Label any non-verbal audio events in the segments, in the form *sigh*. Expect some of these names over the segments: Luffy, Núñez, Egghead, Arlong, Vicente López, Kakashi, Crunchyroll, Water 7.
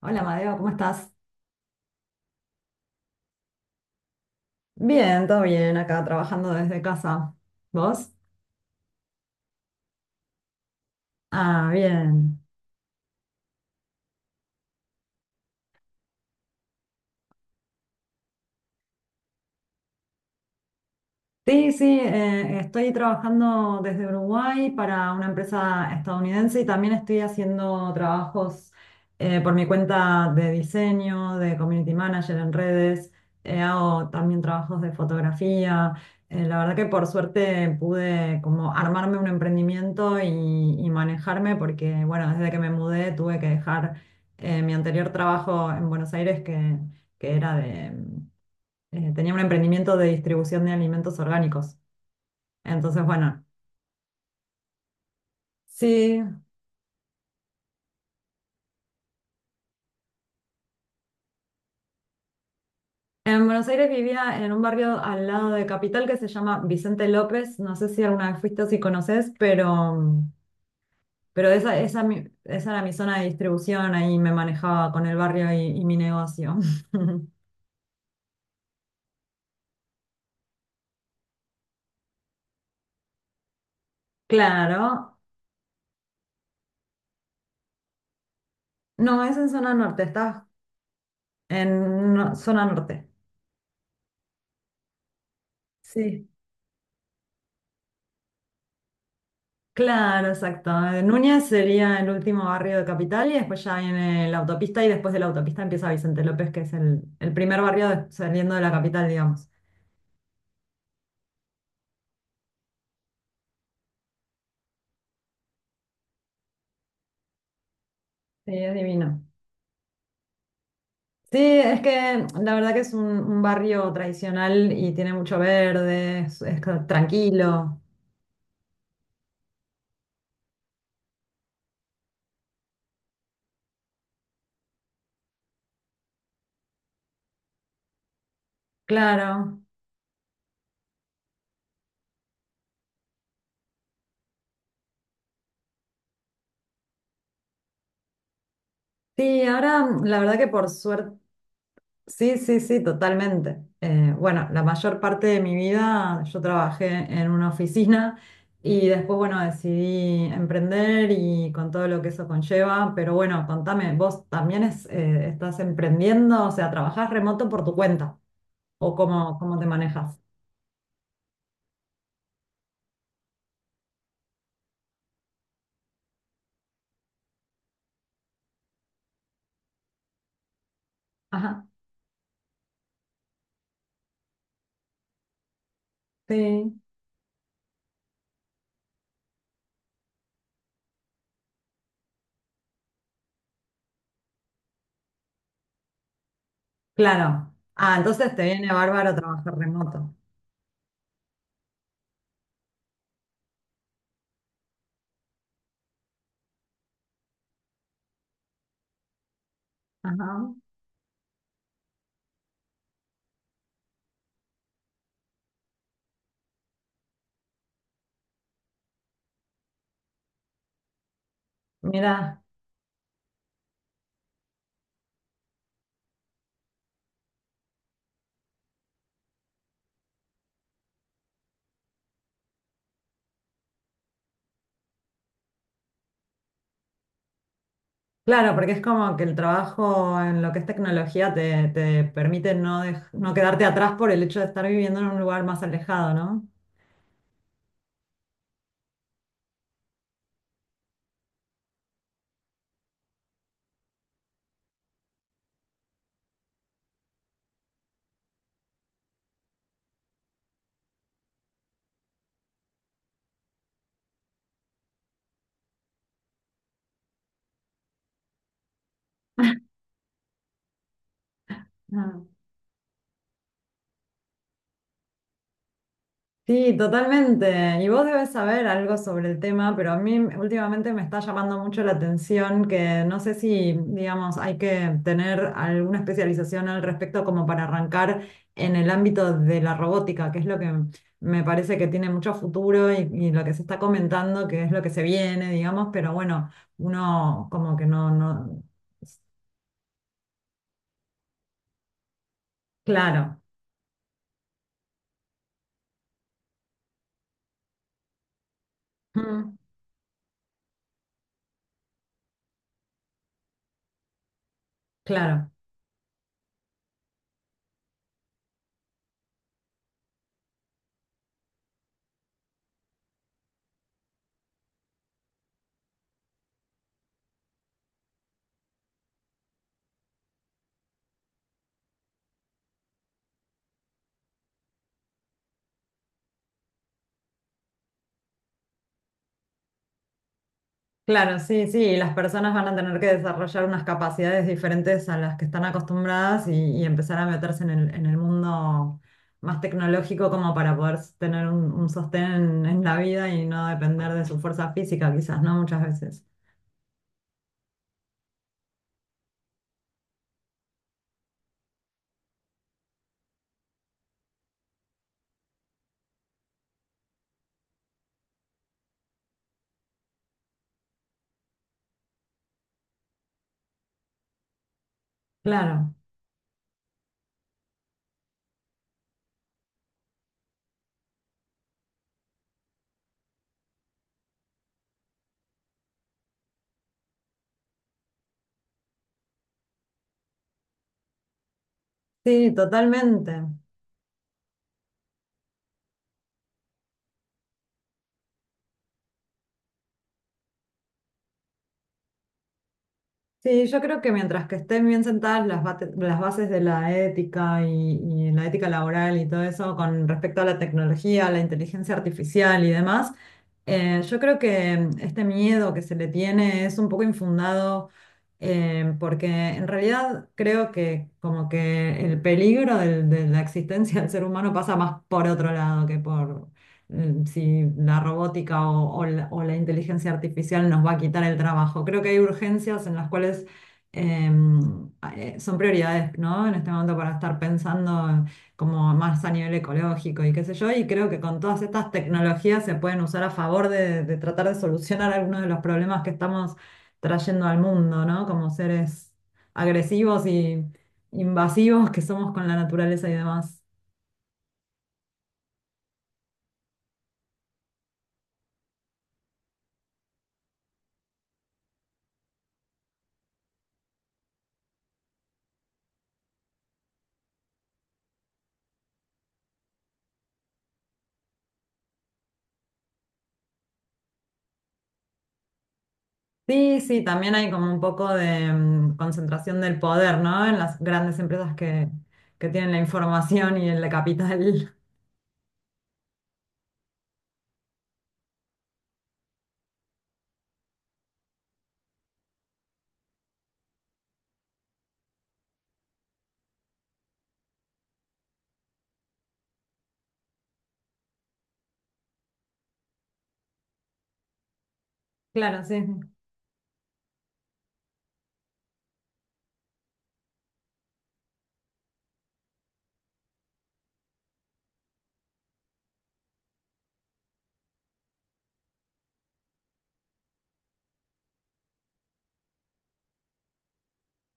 Hola, Madeo, ¿cómo estás? Bien, todo bien, acá trabajando desde casa. ¿Vos? Ah, bien. Sí, sí, estoy trabajando desde Uruguay para una empresa estadounidense y también estoy haciendo trabajos por mi cuenta de diseño, de community manager en redes, hago también trabajos de fotografía. La verdad que por suerte pude como armarme un emprendimiento y manejarme porque, bueno, desde que me mudé tuve que dejar mi anterior trabajo en Buenos Aires que era de... tenía un emprendimiento de distribución de alimentos orgánicos. Entonces, bueno, sí. En Buenos Aires vivía en un barrio al lado de Capital que se llama Vicente López. No sé si alguna vez fuiste o si conoces, pero, esa era mi zona de distribución. Ahí me manejaba con el barrio y mi negocio. *laughs* Claro. No, es en zona norte, estás en zona norte. Sí. Claro, exacto. Núñez sería el último barrio de Capital y después ya viene la autopista y después de la autopista empieza Vicente López, que es el primer barrio saliendo de la capital, digamos. Sí, es divino. Sí, es que la verdad que es un barrio tradicional y tiene mucho verde, es tranquilo. Claro. Sí, ahora la verdad que por suerte, sí, sí, sí, totalmente. Bueno, la mayor parte de mi vida yo trabajé en una oficina y después, bueno, decidí emprender y con todo lo que eso conlleva. Pero bueno, contame, ¿vos también estás emprendiendo? O sea, ¿trabajás remoto por tu cuenta? ¿O cómo, cómo te manejas? Ajá, sí, claro. Ah, entonces te viene bárbaro trabajar remoto. Ajá, mira. Claro, porque es como que el trabajo en lo que es tecnología te, te permite no, no quedarte atrás por el hecho de estar viviendo en un lugar más alejado, ¿no? Sí, totalmente. Y vos debes saber algo sobre el tema, pero a mí últimamente me está llamando mucho la atención que no sé si, digamos, hay que tener alguna especialización al respecto como para arrancar en el ámbito de la robótica, que es lo que me parece que tiene mucho futuro y lo que se está comentando, que es lo que se viene, digamos, pero bueno, uno como que no, no, claro. Mm, claro. Claro, sí, sí. Y las personas van a tener que desarrollar unas capacidades diferentes a las que están acostumbradas y empezar a meterse en en el mundo más tecnológico como para poder tener un sostén en la vida y no depender de su fuerza física, quizás, ¿no? Muchas veces. Claro, sí, totalmente. Sí, yo creo que mientras que estén bien sentadas las bases de la ética y la ética laboral y todo eso con respecto a la tecnología, la inteligencia artificial y demás, yo creo que este miedo que se le tiene es un poco infundado, porque en realidad creo que como que el peligro de la existencia del ser humano pasa más por otro lado que por, si la robótica o la inteligencia artificial nos va a quitar el trabajo. Creo que hay urgencias en las cuales son prioridades, ¿no? En este momento, para estar pensando como más a nivel ecológico y qué sé yo, y creo que con todas estas tecnologías se pueden usar a favor de tratar de solucionar algunos de los problemas que estamos trayendo al mundo, ¿no? Como seres agresivos y invasivos que somos con la naturaleza y demás. Sí, sí, también hay como un poco de concentración del poder, ¿no? En las grandes empresas que tienen la información y el capital. *laughs* Claro, sí, sí.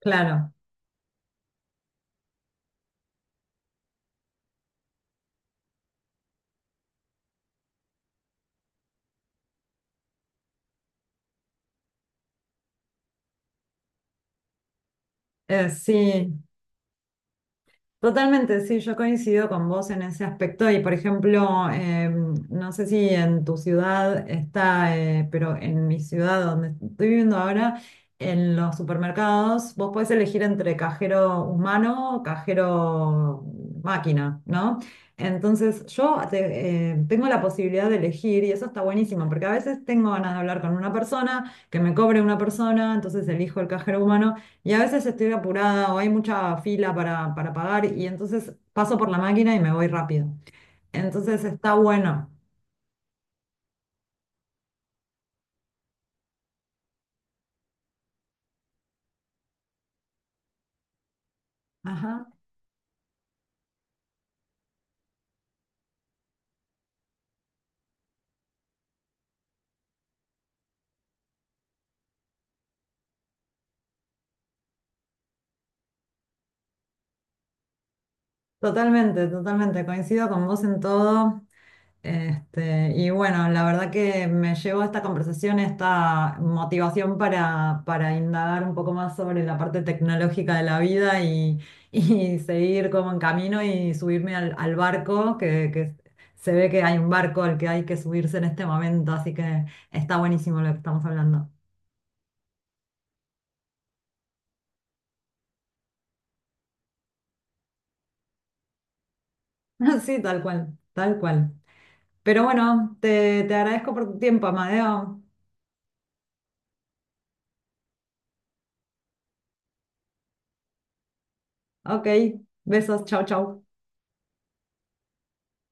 Claro. Sí, totalmente, sí, yo coincido con vos en ese aspecto y, por ejemplo, no sé si en tu ciudad está, pero en mi ciudad donde estoy viviendo ahora, en los supermercados vos podés elegir entre cajero humano o cajero máquina, ¿no? Entonces yo tengo la posibilidad de elegir y eso está buenísimo porque a veces tengo ganas de hablar con una persona, que me cobre una persona, entonces elijo el cajero humano. Y a veces estoy apurada o hay mucha fila para pagar y entonces paso por la máquina y me voy rápido. Entonces está bueno. Ajá. Totalmente, totalmente. Coincido con vos en todo. Este, y bueno, la verdad que me llevó a esta conversación, esta motivación para indagar un poco más sobre la parte tecnológica de la vida y *laughs* seguir como en camino y subirme al, al barco, que se ve que hay un barco al que hay que subirse en este momento, así que está buenísimo lo que estamos hablando. *laughs* Sí, tal cual, tal cual. Pero bueno, te agradezco por tu tiempo, Amadeo. Ok, besos, chau, chau.